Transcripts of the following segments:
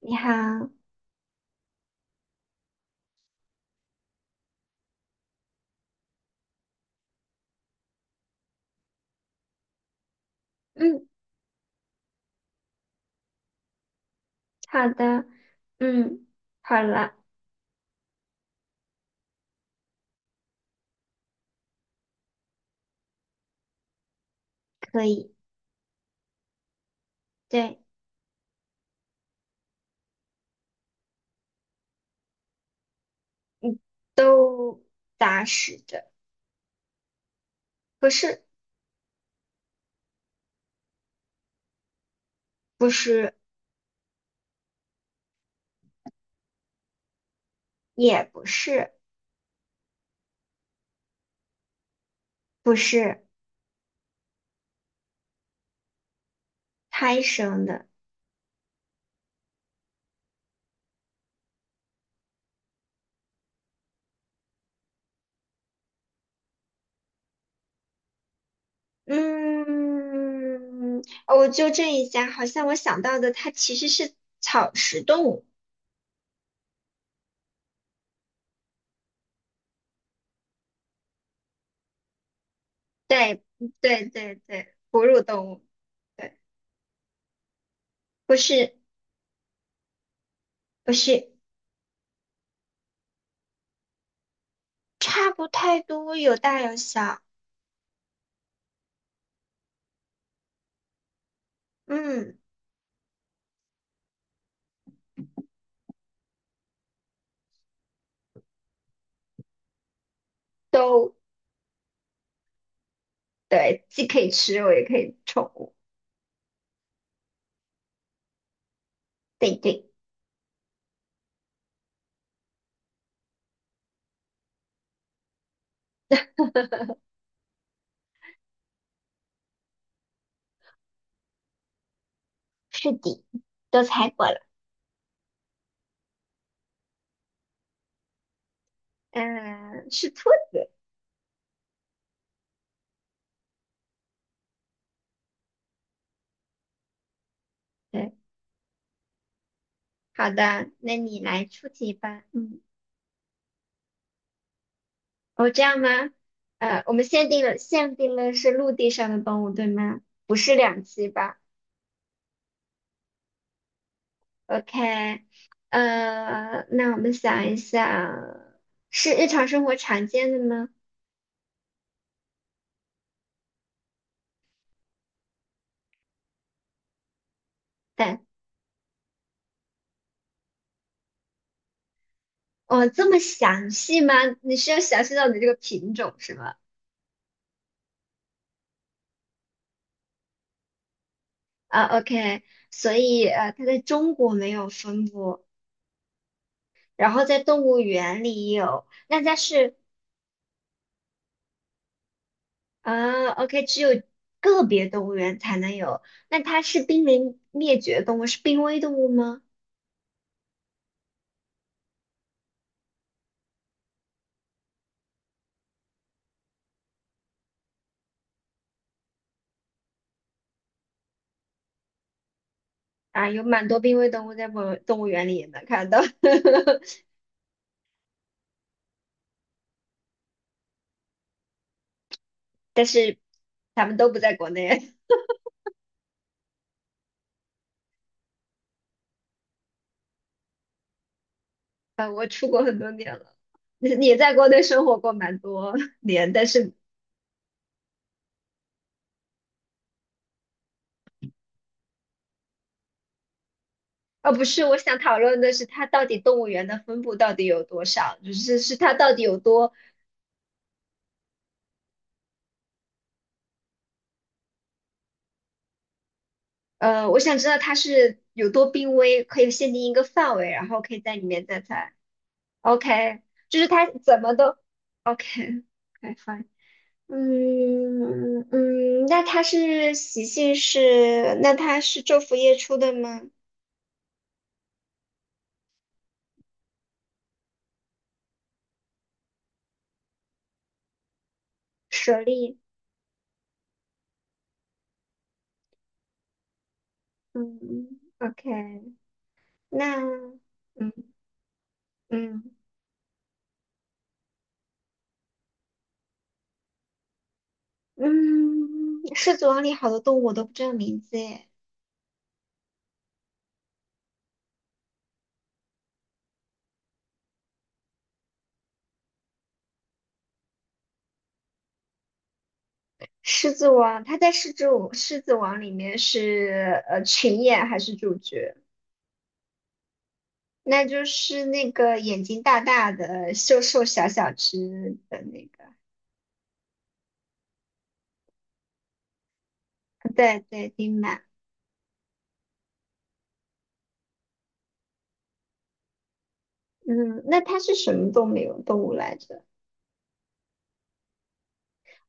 你好。嗯。好的。嗯。好了。可以。对。嗯。都打死的。不是。不是。也不是。不是胎生的。嗯。哦，我纠正一下，好像我想到的它其实是草食动物。对，对对对，哺乳动物。对。不是。不是。差不太多，有大有小。嗯。都。对，既可以吃肉，也可以宠物。对对。是的，都猜过了。嗯，是兔子。对。好的，那你来出题吧。嗯。哦，这样吗？我们限定了是陆地上的动物，对吗？不是两栖吧？OK。那我们想一想，是日常生活常见的吗？对。哦，这么详细吗？你是要详细到你这个品种是吗？啊，OK。所以它在中国没有分布，然后在动物园里有，那它是啊，OK,只有个别动物园才能有。那它是濒临灭绝动物，是濒危动物吗？啊，有蛮多濒危动物在动物园里也能看到。但是它们都不在国内。啊，我出国很多年了，也在国内生活过蛮多年。但是哦，不是，我想讨论的是它到底动物园的分布到底有多少，就是它到底有多。我想知道它是有多濒危，可以限定一个范围，然后可以在里面再猜。OK,就是它怎么都 OK。OK，fine 嗯嗯，那它是昼伏夜出的吗？舍利。嗯，OK。那嗯嗯。嗯，狮子王里好多动物我都不知道名字诶。狮子王，它在狮子王里面是群演还是主角？那就是那个眼睛大大的、瘦瘦小小只的那个，对对，丁满。嗯，那它是什么动物来着？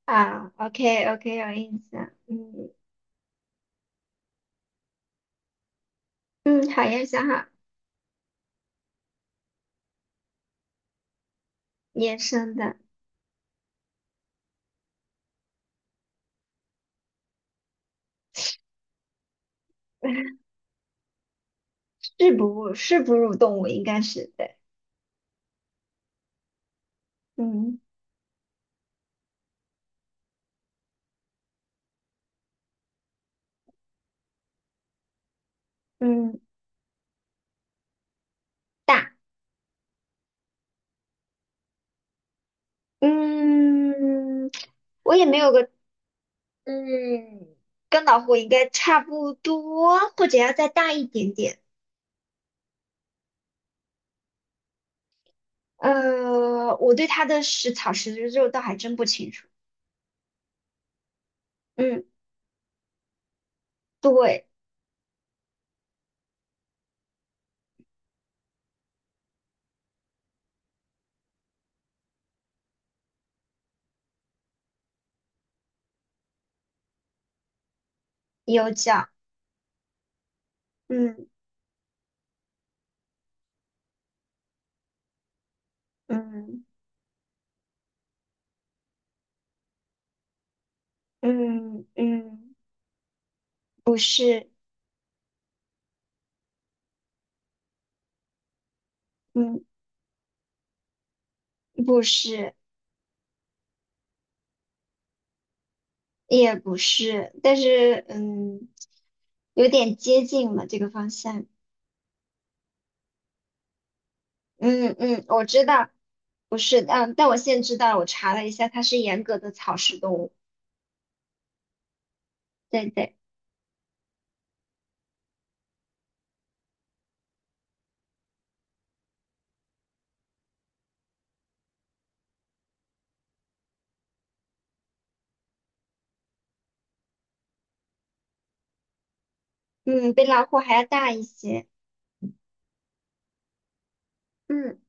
啊，OK OK,有印象。嗯嗯。好呀，想好。野生的。是哺乳动物，应该是对。嗯嗯。大。嗯，我也没有个，嗯，跟老虎应该差不多，或者要再大一点点。我对它的食草食肉倒还真不清楚。嗯，对，有角。嗯嗯嗯嗯。不是。嗯不是，也不是，但是有点接近了这个方向。嗯嗯，我知道。不是。嗯，但我现在知道了，我查了一下，它是严格的草食动物。对对。嗯，比老虎还要大一些。嗯，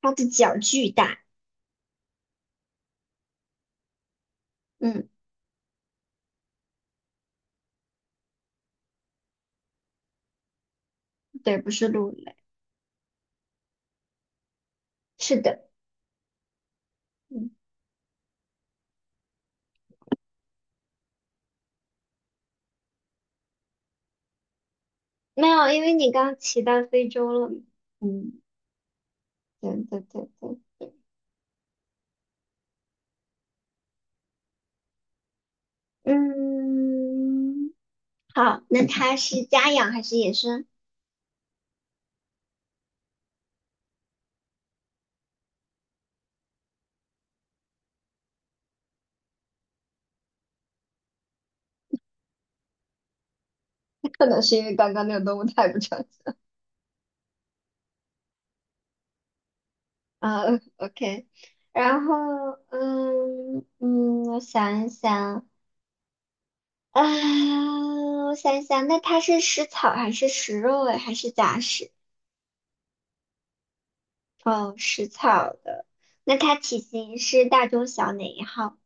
它的脚巨大。嗯，对，不是鹿类。是的。嗯，没有，因为你刚骑到非洲了嘛。嗯，对对对对。嗯，好。那它是家养还是野生？可能是因为刚刚那个动物太不常见。啊，OK。然后。嗯嗯，我想一想。啊，我想一想。那它是食草还是食肉类还是杂食？哦，食草的。那它体型是大中小哪一号？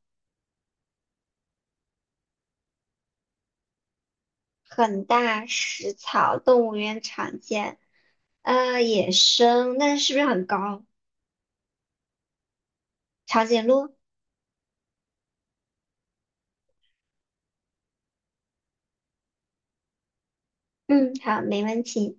很大，食草，动物园常见。野生，那是不是很高？长颈鹿？嗯，好，没问题。